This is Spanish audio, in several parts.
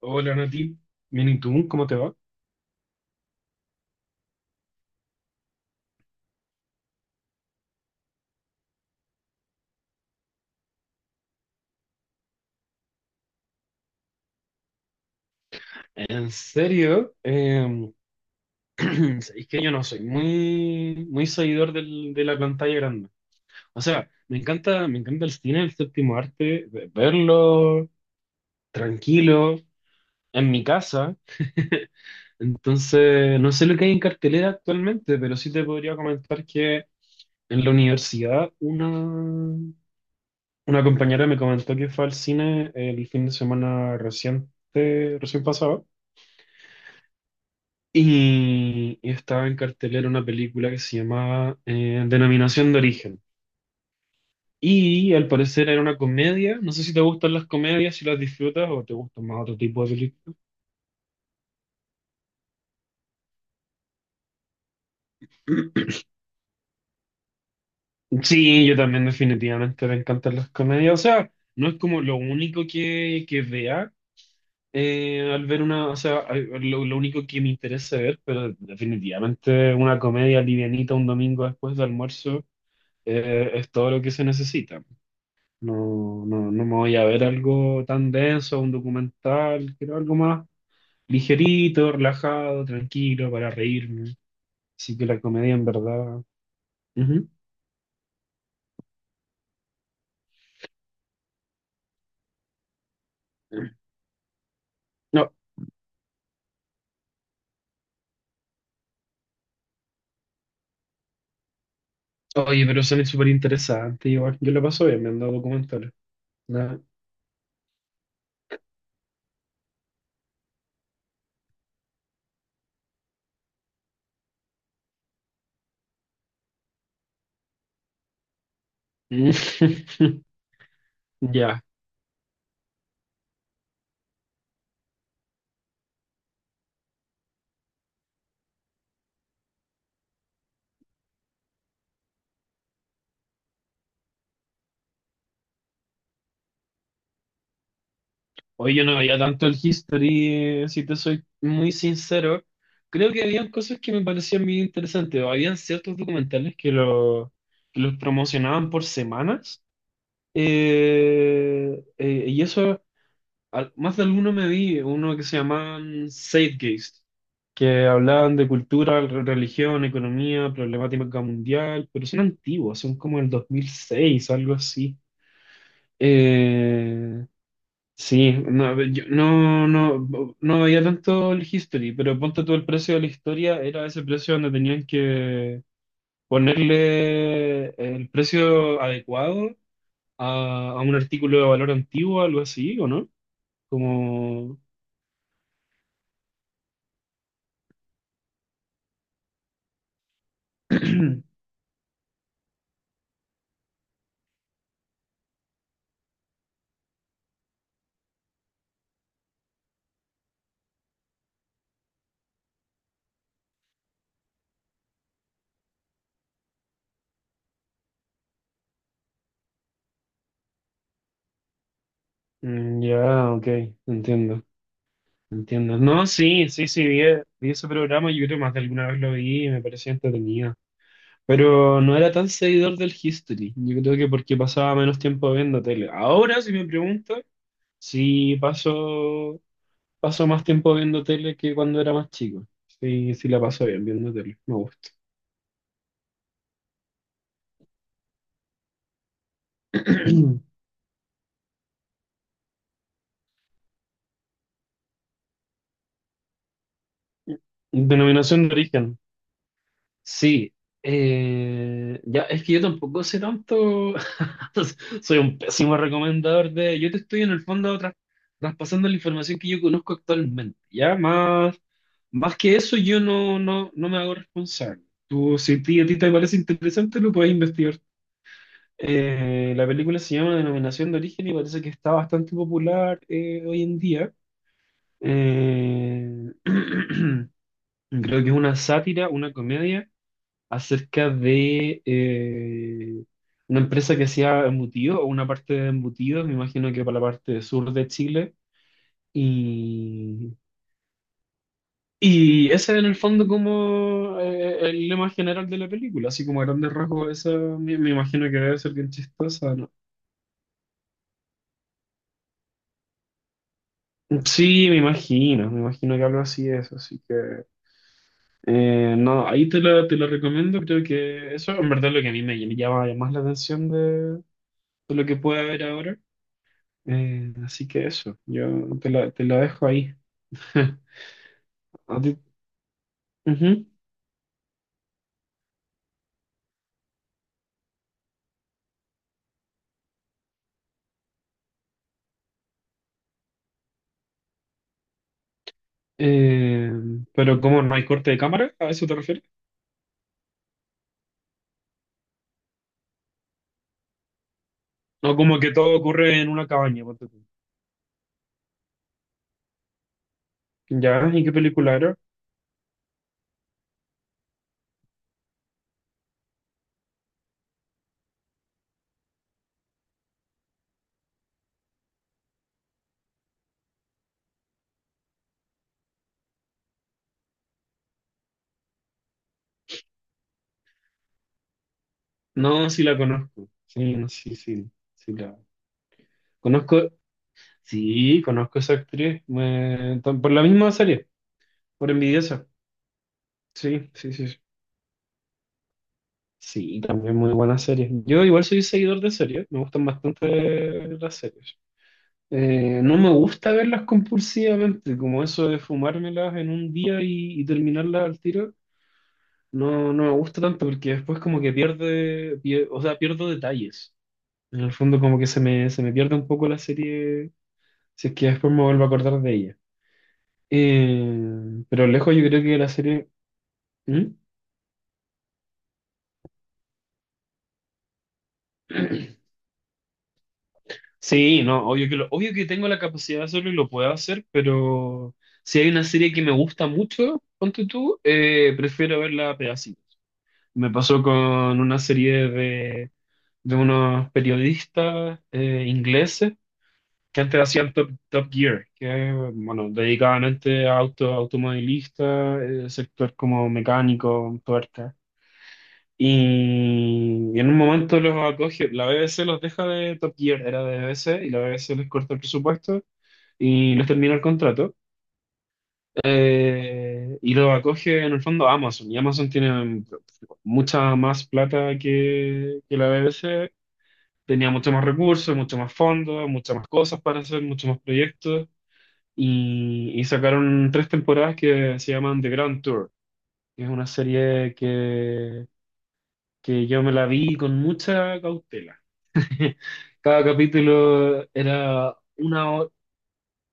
Hola Nati, bien y tú, ¿cómo te va? En serio. Es que yo no soy muy, muy seguidor de la pantalla grande. O sea, me encanta el cine, el séptimo arte, verlo tranquilo, en mi casa. Entonces, no sé lo que hay en cartelera actualmente, pero sí te podría comentar que en la universidad una compañera me comentó que fue al cine el fin de semana reciente, recién pasado. Y estaba en cartelera una película que se llamaba Denominación de Origen. Y al parecer era una comedia. No sé si te gustan las comedias, si las disfrutas o te gustan más otro tipo de películas. Sí, yo también definitivamente me encantan las comedias. O sea, no es como lo único que vea, al ver una, o sea, lo único que me interesa ver, pero definitivamente una comedia livianita un domingo después de almuerzo es todo lo que se necesita. No, no, no me voy a ver algo tan denso, un documental, quiero algo más ligerito, relajado, tranquilo, para reírme. Así que la comedia, en verdad. Ujú. No, oye, pero son súper interesante, igual. Yo la paso bien me han dado documentales. Nada. Ya. Oye, yo no veía tanto el History, si te soy muy sincero. Creo que habían cosas que me parecían muy interesantes, o habían ciertos documentales que los promocionaban por semanas. Y eso, más de alguno me vi, uno que se llamaban Zeitgeist, que hablaban de cultura, religión, economía, problemática mundial, pero son antiguos, son como el 2006, algo así. Eh, sí, no, yo no veía tanto el History, pero ponte tú el precio de la historia, era ese precio donde tenían que ponerle el precio adecuado a un artículo de valor antiguo, algo así, ¿o no? Como... Mm, ya, ok, entiendo, entiendo. No, sí, sí, sí, vi ese programa, yo creo más de alguna vez lo vi y me parecía entretenido. Pero no era tan seguidor del History, yo creo que porque pasaba menos tiempo viendo tele. Ahora, si me preguntas, sí paso, paso más tiempo viendo tele que cuando era más chico. Sí, sí la paso bien viendo tele, me gusta. Denominación de origen. Sí, ya, es que yo tampoco sé tanto. Soy un pésimo recomendador de, yo te estoy en el fondo traspasando la información que yo conozco actualmente, ya, más que eso yo no me hago responsable. Tú, si a ti te parece interesante, lo puedes investigar. La película se llama Denominación de Origen y parece que está bastante popular hoy en día. Eh, Creo que es una sátira, una comedia acerca de una empresa que hacía embutidos o una parte de embutidos, me imagino que para la parte sur de Chile. Y, y ese en el fondo como el lema general de la película, así como a grandes rasgos, esa me imagino que debe ser bien chistosa, ¿no? Sí, me imagino que algo así es, así que no, ahí te la recomiendo, creo que eso en verdad es lo que a mí me llama más la atención de lo que puede haber ahora. Así que eso, yo te lo dejo ahí. A ti- Ujú. Eh, pero ¿cómo no hay corte de cámara? ¿A eso te refieres? No, como que todo ocurre en una cabaña, ponte tú. ¿Ya? ¿Y qué película era? No, sí la conozco. Sí, no, sí, sí, sí la conozco. Sí, conozco a esa actriz. Por la misma serie, por Envidiosa. Sí, sí, sí. Sí, sí, también muy buena serie. Yo igual soy seguidor de series, me gustan bastante las series. No me gusta verlas compulsivamente, como eso de fumármelas en un día y terminarlas al tiro, no, no me gusta tanto porque después como que pierde, o sea, pierdo detalles. En el fondo como que se me pierde un poco la serie, si es que después me vuelvo a acordar de ella. Pero lejos yo creo que la serie... ¿Mm? Sí, no, obvio que tengo la capacidad de hacerlo y lo puedo hacer, pero si hay una serie que me gusta mucho, ponte tú, prefiero verla a pedacitos. Me pasó con una serie de unos periodistas ingleses que antes hacían Top Gear, que bueno, dedicaban antes a automovilistas, sector como mecánico, tuerca. Y en un momento los acoge, la BBC los deja de Top Gear, era de BBC, y la BBC les corta el presupuesto y les termina el contrato. Y lo acoge en el fondo Amazon. Y Amazon tiene mucha más plata que la BBC. Tenía mucho más recursos, mucho más fondos, muchas más cosas para hacer, muchos más proyectos. Y sacaron 3 temporadas que se llaman The Grand Tour, que es una serie que yo me la vi con mucha cautela. Cada capítulo era una,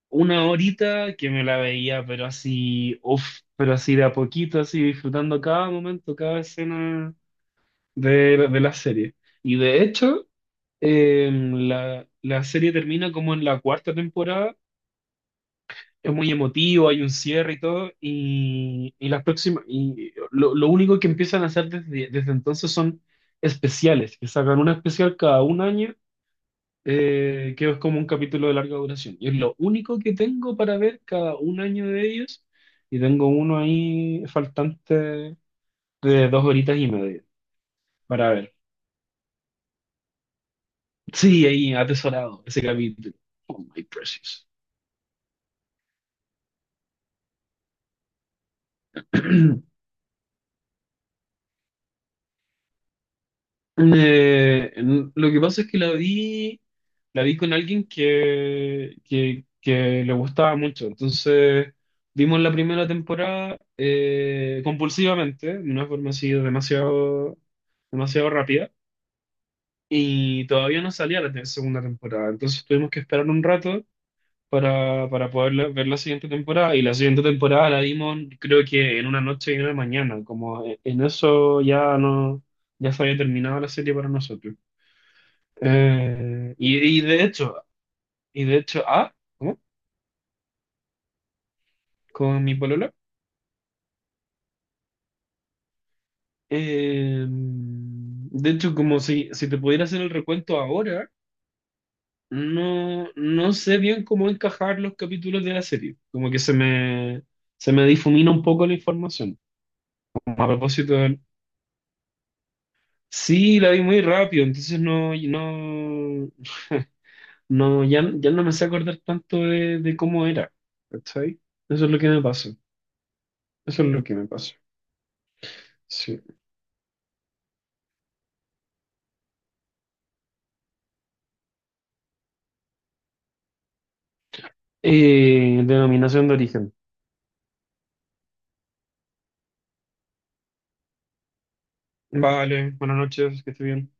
Una horita que me la veía, pero así, uff, pero así de a poquito, así disfrutando cada momento, cada escena de la serie. Y de hecho, la serie termina como en la cuarta temporada. Es muy emotivo, hay un cierre y todo. Y las próximas, y lo único que empiezan a hacer desde entonces son especiales, que sacan una especial cada un año, que es como un capítulo de larga duración. Y es lo único que tengo para ver cada un año de ellos. Y tengo uno ahí faltante de 2 horitas y media para ver. Sí, ahí atesorado ese capítulo. Oh, my precious. Lo que pasa es que la vi, con alguien que le gustaba mucho. Entonces, vimos la primera temporada compulsivamente, de una forma así demasiado, demasiado rápida, y todavía no salía segunda temporada. Entonces, tuvimos que esperar un rato para poder ver la siguiente temporada. Y la siguiente temporada la vimos, creo que en una noche y en una mañana, como en eso ya no, ya se había terminado la serie para nosotros. Y de hecho, ah, ¿cómo? Con mi polola. De hecho, como si te pudiera hacer el recuento ahora, no, no sé bien cómo encajar los capítulos de la serie. Como que se me difumina un poco la información. A propósito del- Sí, la vi muy rápido, entonces no, ya no me sé acordar tanto de cómo era. ¿Cachai? Eso es lo que me pasó. Eso es lo que me pasó. Sí. Denominación de origen. Vale, buenas noches, que esté bien.